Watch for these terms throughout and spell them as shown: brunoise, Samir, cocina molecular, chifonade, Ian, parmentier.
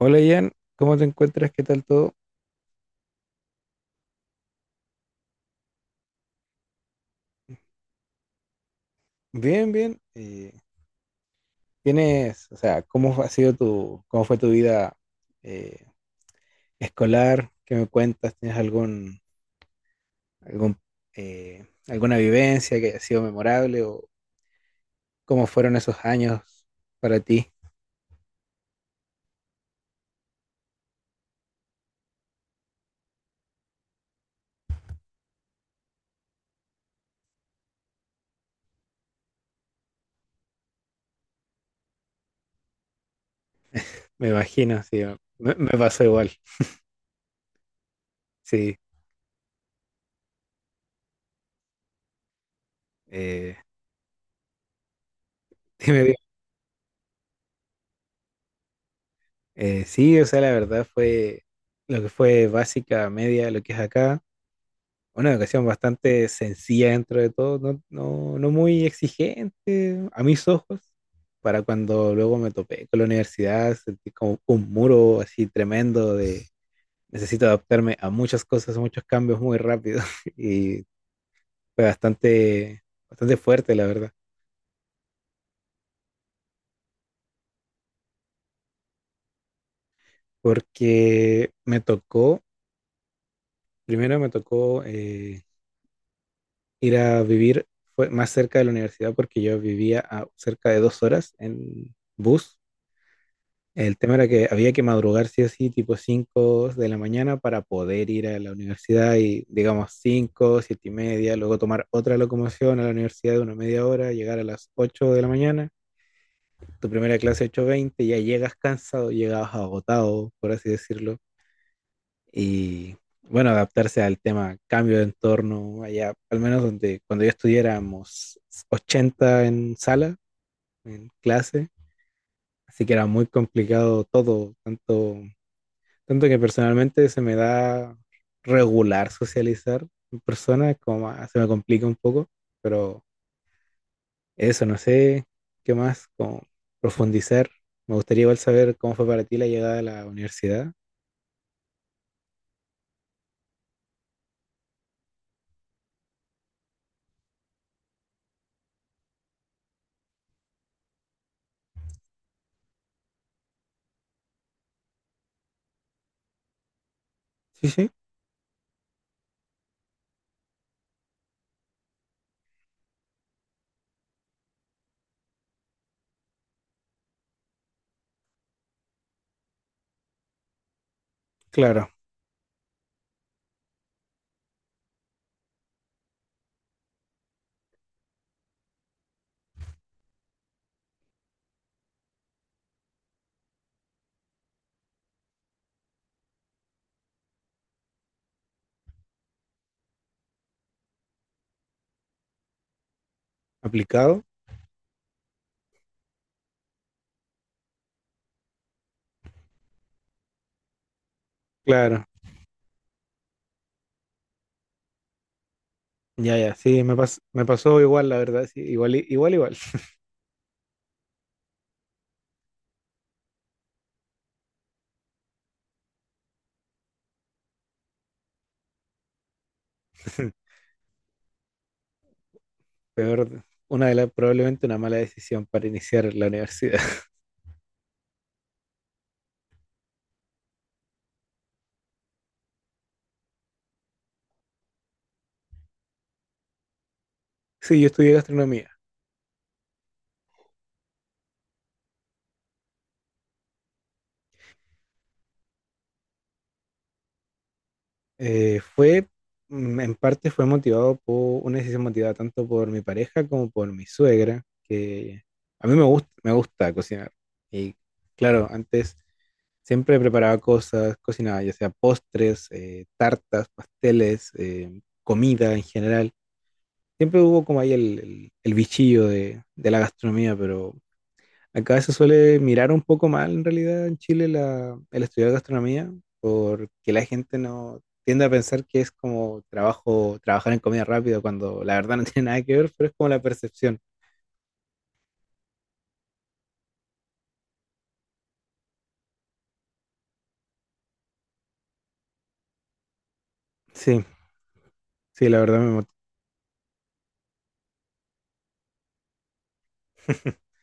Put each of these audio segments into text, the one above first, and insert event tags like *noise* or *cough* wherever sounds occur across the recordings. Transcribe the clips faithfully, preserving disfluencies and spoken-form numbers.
Hola Ian, ¿cómo te encuentras? ¿Qué tal todo? Bien, bien. Eh, ¿tienes, o sea, cómo ha sido tu, cómo fue tu vida eh, escolar? ¿Qué me cuentas? ¿Tienes algún, algún, eh, alguna vivencia que haya sido memorable o cómo fueron esos años para ti? Me imagino, sí, me, me pasó igual. Sí, eh, *laughs* dime bien. Eh, sí, o sea, la verdad fue lo que fue básica, media, lo que es acá. Una educación bastante sencilla dentro de todo, no, no, no muy exigente a mis ojos, para cuando luego me topé con la universidad, sentí como un muro así tremendo de necesito adaptarme a muchas cosas, a muchos cambios muy rápido *laughs* y fue bastante, bastante fuerte, la verdad, porque me tocó, primero me tocó eh, ir a vivir fue más cerca de la universidad porque yo vivía a cerca de dos horas en bus. El tema era que había que madrugar sí o sí, tipo cinco de la mañana para poder ir a la universidad y digamos cinco siete y media, luego tomar otra locomoción a la universidad de una media hora, llegar a las ocho de la mañana, tu primera clase ocho veinte ya llegas cansado, llegabas agotado, por así decirlo, y bueno, adaptarse al tema cambio de entorno, allá, al menos donde cuando yo estudiáramos ochenta en sala, en clase, así que era muy complicado todo, tanto Tanto que personalmente se me da regular socializar en persona, como más- se me complica un poco, pero eso, no sé qué más, como profundizar. Me gustaría igual saber cómo fue para ti la llegada a la universidad. Sí, sí, claro. ¿Aplicado? Claro. Ya, ya, sí, me pas- me pasó igual, la verdad, sí, igual, i- igual, igual. *laughs* Peor, una de las, probablemente una mala decisión para iniciar la universidad. *laughs* Sí, yo estudié gastronomía. Eh, fue, mm, en parte fue motivado por una decisión motivada tanto por mi pareja como por mi suegra, que a mí me gusta, me gusta cocinar. Y claro, antes siempre preparaba cosas, cocinaba, ya sea postres, eh, tartas, pasteles, eh, comida en general. Siempre hubo como ahí el, el- el bichillo de, de la gastronomía, pero acá se suele mirar un poco mal en realidad en Chile la, el estudiar gastronomía, porque la gente no tiende a pensar que es como trabajo, trabajar en comida rápida, cuando la verdad no *laughs* tiene nada que ver, pero es como la percepción. Sí, sí, la verdad me motiva. *laughs*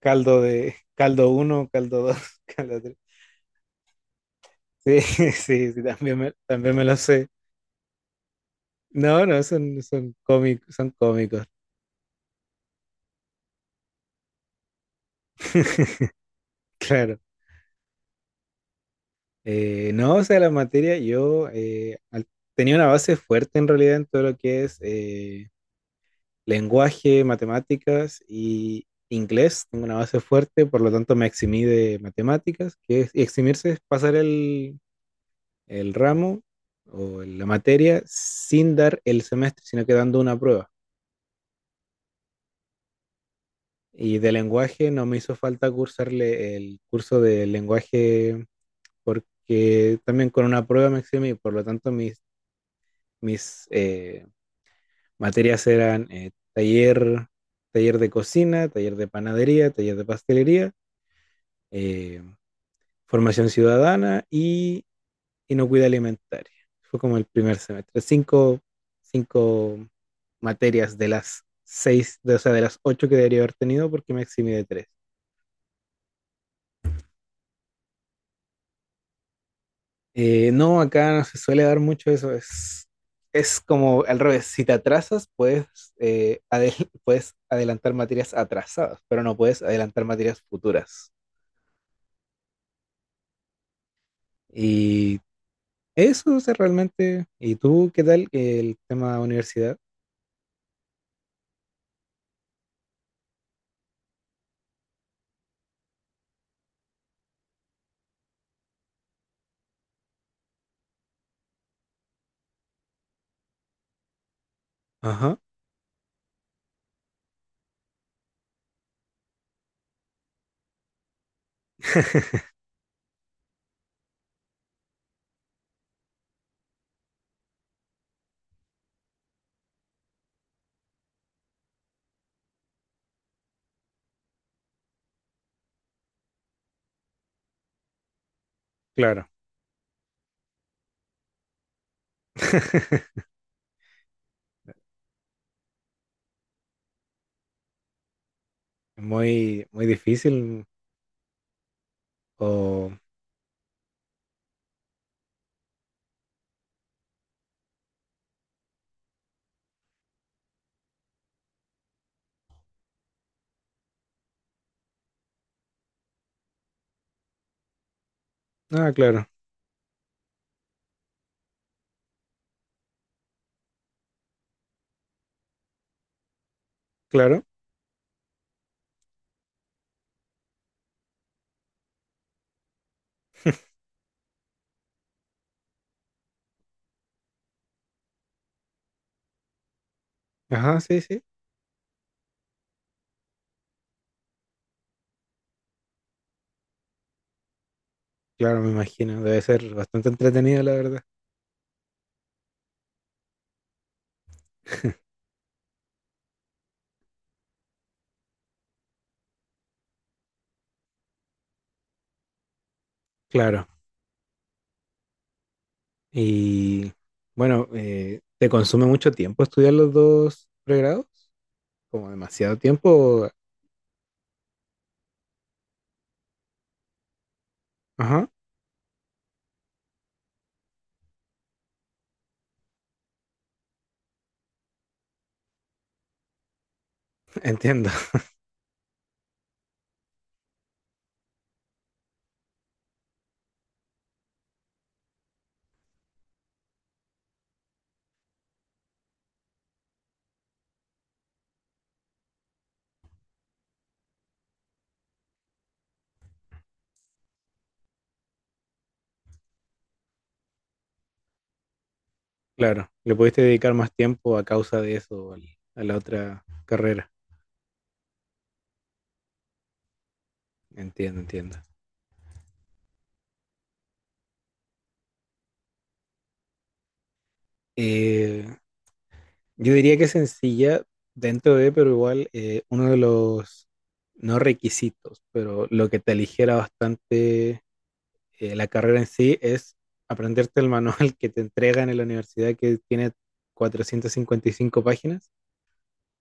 Caldo de, caldo uno, caldo dos, *laughs* caldo tres. Sí, *laughs* sí, sí, también me, también me lo sé. No, no, son, son cómicos, son cómicos. *laughs* Claro. Eh, no, o sea, la materia, yo eh, al- tenía una base fuerte en realidad en todo lo que es eh, lenguaje, matemáticas y inglés. Tengo una base fuerte, por lo tanto me eximí de matemáticas, que es, y eximirse es pasar el, el ramo o la materia sin dar el semestre, sino que dando una prueba. Y de lenguaje no me hizo falta cursarle el curso de lenguaje porque también con una prueba me eximí, por lo tanto mis mis eh, Materias eran eh, taller, taller de cocina, taller de panadería, taller de pastelería, eh, formación ciudadana y inocuidad alimentaria. Fue como el primer semestre. Cinco, cinco materias de las seis, de, o sea, de las ocho que debería haber tenido porque me eximí de tres. Eh, no, acá no se suele dar mucho eso. Es, es como al revés. Si te atrasas, puedes, eh, adel- puedes adelantar materias atrasadas, pero no puedes adelantar materias futuras. Y eso o sea, realmente. ¿Y tú qué tal el tema universidad? Ajá, claro. *laughs* Muy, muy difícil. O. Ah, claro, claro. Ajá, sí, sí. Claro, me imagino. Debe ser bastante entretenido, la verdad. *laughs* Claro. Y bueno, eh, ¿te consume mucho tiempo estudiar los dos pregrados? Como demasiado tiempo. Ajá, entiendo. *laughs* Claro. Le pudiste dedicar más tiempo a causa de eso al- a la otra carrera. Entiendo, entiendo. Eh, yo diría que es sencilla dentro de, pero igual eh, uno de los, no requisitos, pero lo que te aligera bastante eh, la carrera en sí es aprenderte el manual *laughs* que te entregan en la universidad que tiene cuatrocientas cincuenta y cinco páginas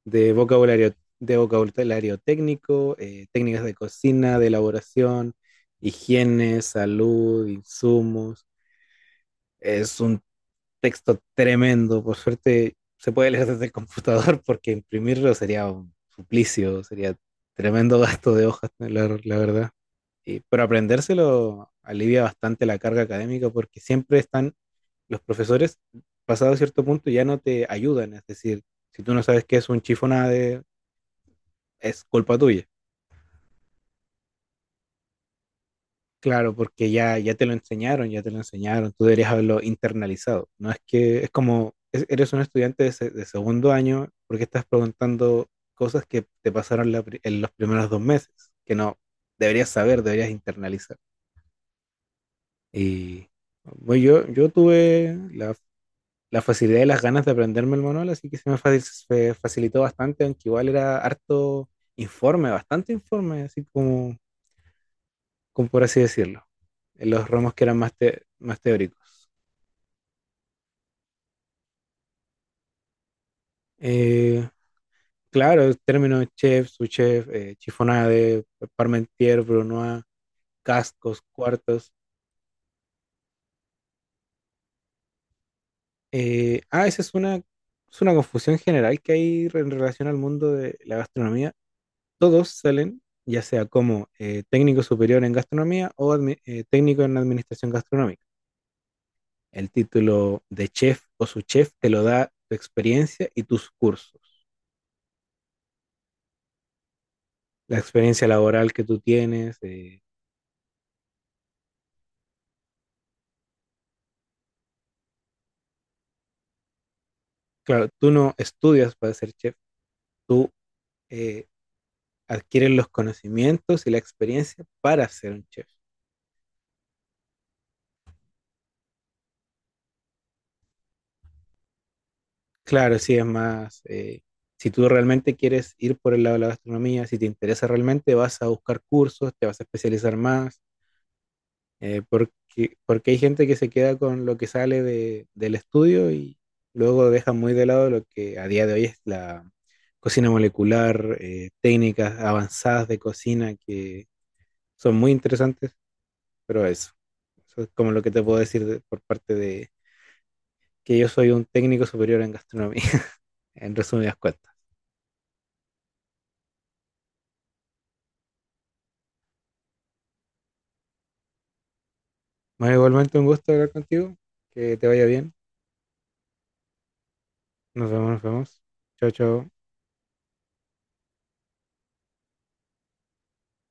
de vocabulario, de vocabulario técnico, eh, técnicas de cocina, de elaboración, higiene, salud, insumos. Es un texto tremendo. Por suerte se puede leer desde el computador *laughs* porque imprimirlo sería un suplicio, sería tremendo gasto de hojas, ¿no? la, la verdad. Y, pero aprendérselo alivia bastante la carga académica porque siempre están los profesores, pasado cierto punto, ya no te ayudan. Es decir, si tú no sabes qué es un chifonade, es culpa tuya. Claro, porque ya, ya te lo enseñaron, ya te lo enseñaron, tú deberías haberlo internalizado. No es que es como, es- eres un estudiante de, se- de segundo año porque estás preguntando cosas que te pasaron la pri- en los primeros dos meses, que no deberías saber, deberías internalizar. Y bueno, yo, yo tuve la, la facilidad y las ganas de aprenderme el manual, así que se me fa- se facilitó bastante, aunque igual era harto informe, bastante informe, así como como por así decirlo, en los ramos que eran más, te- más teóricos. Eh, claro, términos chef, sous-chef, eh, chiffonade, parmentier, brunoise, cascos, cuartos. Eh, ah, esa es una, es una confusión general que hay en relación al mundo de la gastronomía. Todos salen, ya sea como eh, técnico superior en gastronomía o admi- eh, técnico en administración gastronómica. El título de chef o su chef te lo da tu experiencia y tus cursos. La experiencia laboral que tú tienes. Eh, claro, tú no estudias para ser chef, tú eh, adquieres los conocimientos y la experiencia para ser un chef. Claro, sí, es más, eh, si tú realmente quieres ir por el lado de la gastronomía, si te interesa realmente, vas a buscar cursos, te vas a especializar más. Eh, porque, porque hay gente que se queda con lo que sale de, del estudio y luego deja muy de lado lo que a día de hoy es la cocina molecular, eh, técnicas avanzadas de cocina que son muy interesantes, pero eso, eso es como lo que te puedo decir de- por parte de que yo soy un técnico superior en gastronomía, *laughs* en resumidas cuentas. Bueno, igualmente un gusto hablar contigo, que te vaya bien, nos vemos, nos vemos, chao, chao.